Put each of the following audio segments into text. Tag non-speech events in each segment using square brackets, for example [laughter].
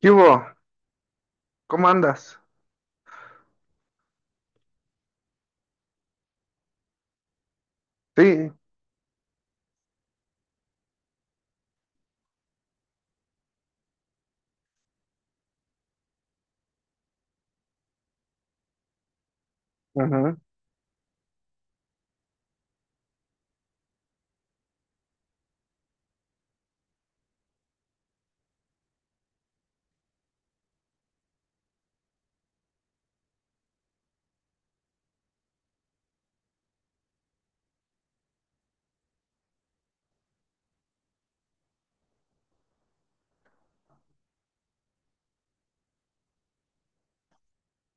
¿Qué hubo? ¿Cómo andas? Sí, ajá.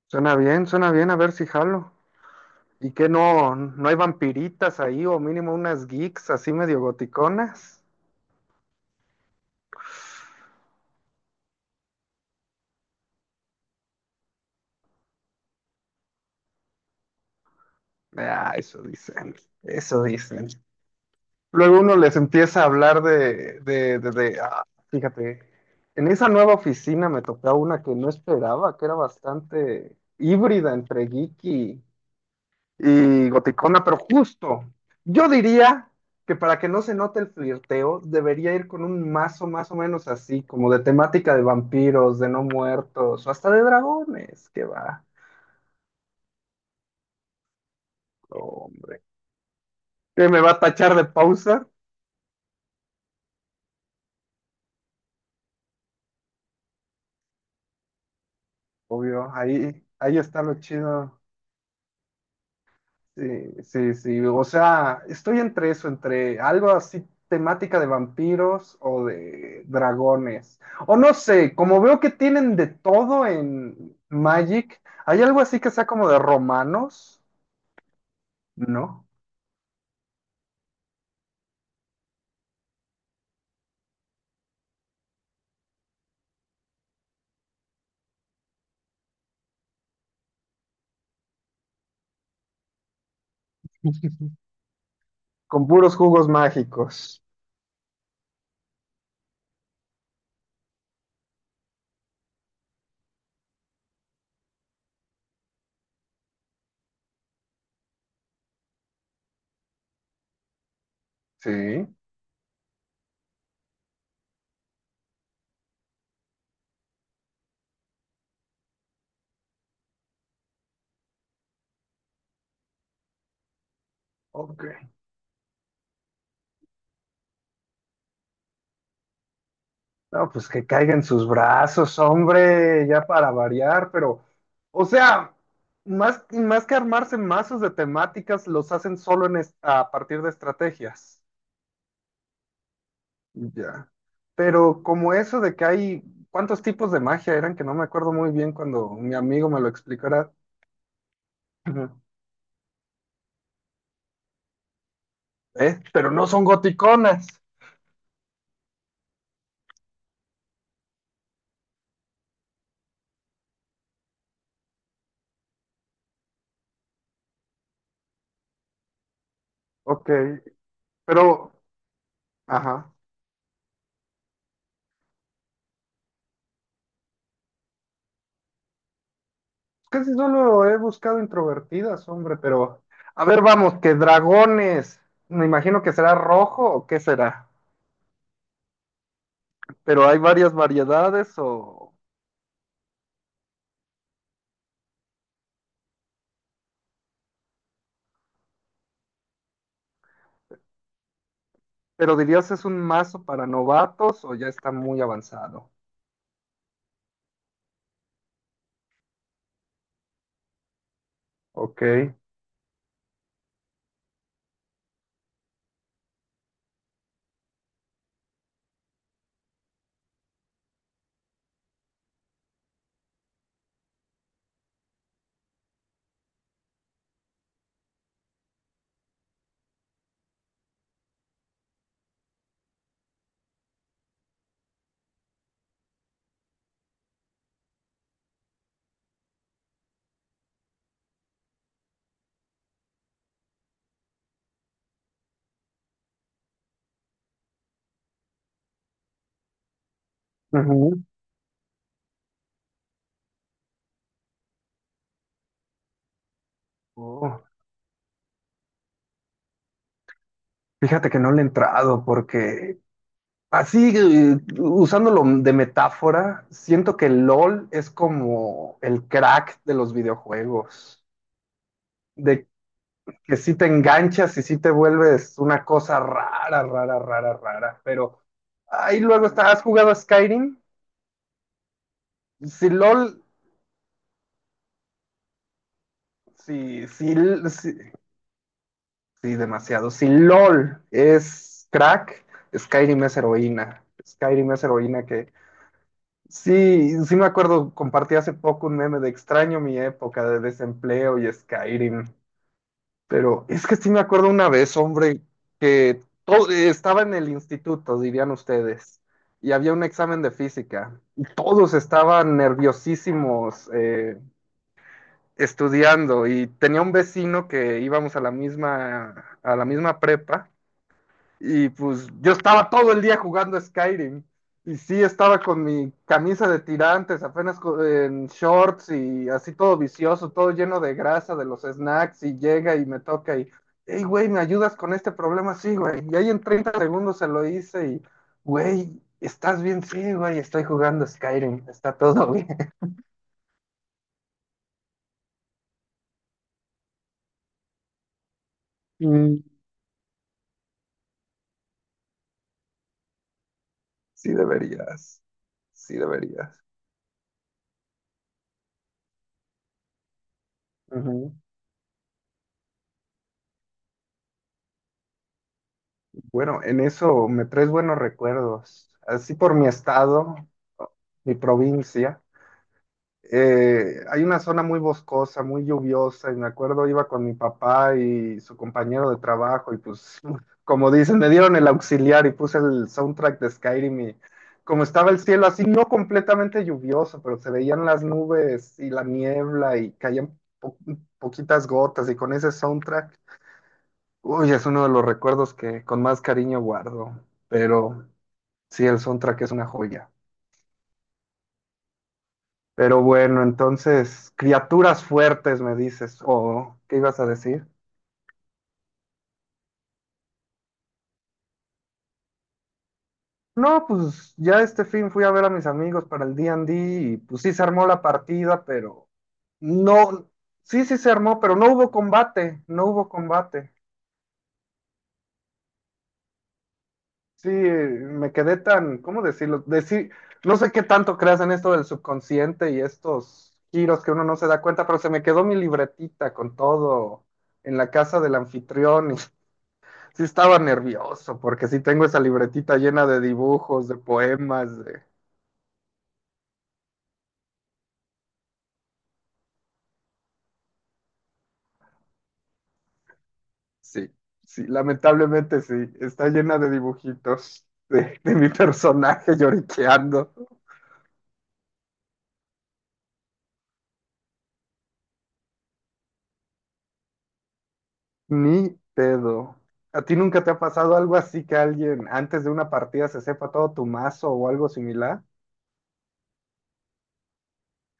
Suena bien, a ver si jalo. ¿Y qué no, no hay vampiritas ahí o mínimo unas geeks así medio goticonas? Ah, eso dicen, eso dicen. Luego uno les empieza a hablar fíjate, en esa nueva oficina me tocó una que no esperaba, que era bastante híbrida entre geek y goticona, pero justo. Yo diría que para que no se note el flirteo, debería ir con un mazo más o menos así, como de temática de vampiros, de no muertos, o hasta de dragones, que va. Hombre. ¿Qué me va a tachar de pausa? Obvio, ahí, ahí está lo chido. Sí, sí, sí. O sea, estoy entre eso, entre algo así temática de vampiros o de dragones. O no sé, como veo que tienen de todo en Magic, ¿hay algo así que sea como de romanos? ¿No? Con puros jugos mágicos. Sí. Ok. No, pues que caiga en sus brazos, hombre, ya para variar, pero, o sea, más, más que armarse mazos de temáticas, los hacen solo en es- a partir de estrategias. Ya. Pero como eso de que hay, ¿cuántos tipos de magia eran? Que no me acuerdo muy bien cuando mi amigo me lo explicará. Ujú. ¿Eh? Pero no son goticonas. Ok, pero, ajá. Casi solo he buscado introvertidas, hombre, pero... A ver, vamos, que dragones. Me imagino que será rojo o qué será. Pero hay varias variedades o... Pero dirías es un mazo para novatos o ya está muy avanzado. Ok. Ujú. Oh. Fíjate que no le he entrado porque así, usándolo de metáfora, siento que LOL es como el crack de los videojuegos, de que sí te enganchas y sí te vuelves una cosa rara, pero ahí luego está, ¿has jugado a Skyrim? Si LOL, si, si, si, sí, demasiado, si LOL es crack, Skyrim es heroína, Skyrim es heroína. Sí, sí me acuerdo, compartí hace poco un meme de extraño mi época de desempleo y Skyrim, pero es que sí me acuerdo una vez, hombre, que todo, estaba en el instituto, dirían ustedes, y había un examen de física, y todos estaban nerviosísimos estudiando, y tenía un vecino que íbamos a la misma prepa, y pues yo estaba todo el día jugando Skyrim. Y sí, estaba con mi camisa de tirantes, apenas co- en shorts y así todo vicioso, todo lleno de grasa de los snacks. Y llega y me toca y, hey, güey, ¿me ayudas con este problema? Sí, güey. Y ahí en 30 segundos se lo hice y, güey, ¿estás bien? Sí, güey, estoy jugando Skyrim, está todo bien. [laughs] Mm. Sí deberías, sí deberías. Ujú. Bueno, en eso me traes buenos recuerdos. Así por mi estado, mi provincia, hay una zona muy boscosa, muy lluviosa, y me acuerdo iba con mi papá y su compañero de trabajo, y pues, [laughs] como dicen, me dieron el auxiliar y puse el soundtrack de Skyrim y como estaba el cielo así, no completamente lluvioso, pero se veían las nubes y la niebla y caían po- poquitas gotas y con ese soundtrack. Uy, es uno de los recuerdos que con más cariño guardo, pero sí, el soundtrack es una joya. Pero bueno, entonces, criaturas fuertes, me dices, o ¿qué ibas a decir? No, pues ya este fin fui a ver a mis amigos para el D&D y pues sí se armó la partida, pero no, sí, sí se armó, pero no hubo combate, no hubo combate. Sí, me quedé tan, ¿cómo decirlo? Deci- no sé qué tanto creas en esto del subconsciente y estos giros que uno no se da cuenta, pero se me quedó mi libretita con todo en la casa del anfitrión y [laughs] sí estaba nervioso porque sí tengo esa libretita llena de dibujos, de poemas, de... Sí, sí, lamentablemente sí, está llena de dibujitos de mi personaje lloriqueando. Ni pedo. ¿A ti nunca te ha pasado algo así que alguien antes de una partida se sepa todo tu mazo o algo similar?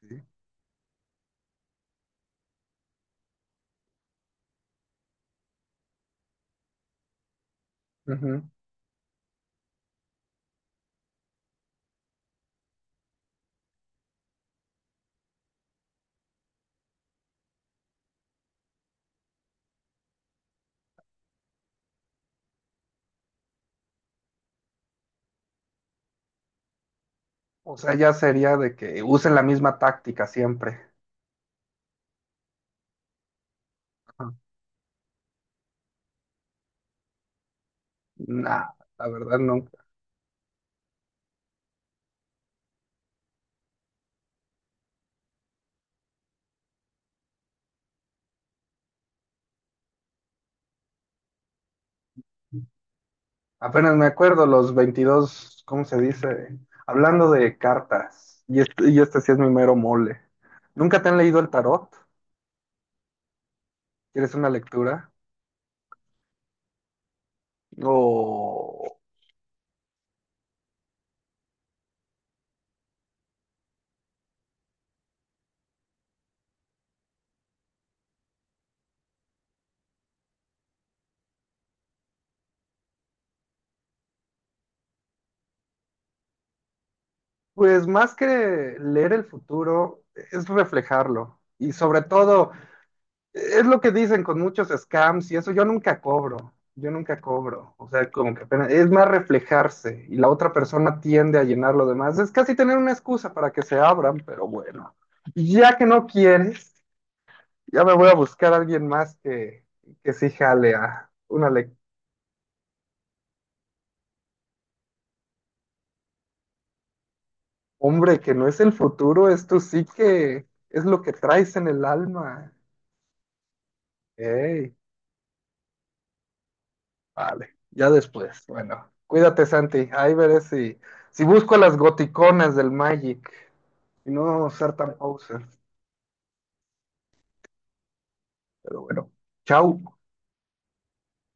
Sí. Ujú. O sea, ya sería de que usen la misma táctica siempre. Ajá. Nah, la verdad no. Apenas me acuerdo los 22, ¿cómo se dice? Hablando de cartas. Y este sí es mi mero mole. ¿Nunca te han leído el tarot? ¿Quieres una lectura? No. Pues más que leer el futuro, es reflejarlo. Y sobre todo, es lo que dicen con muchos scams y eso, yo nunca cobro, yo nunca cobro. O sea, como que apenas- es más reflejarse y la otra persona tiende a llenar lo demás. Es casi tener una excusa para que se abran, pero bueno, ya que no quieres, ya me voy a buscar a alguien más que sí jale a una lectura. Hombre, que no es el futuro, esto sí que es lo que traes en el alma. Ey. Vale, ya después. Bueno, cuídate, Santi. Ahí veré si, si busco a las goticonas del Magic y no ser tan poser. Pero bueno, chao.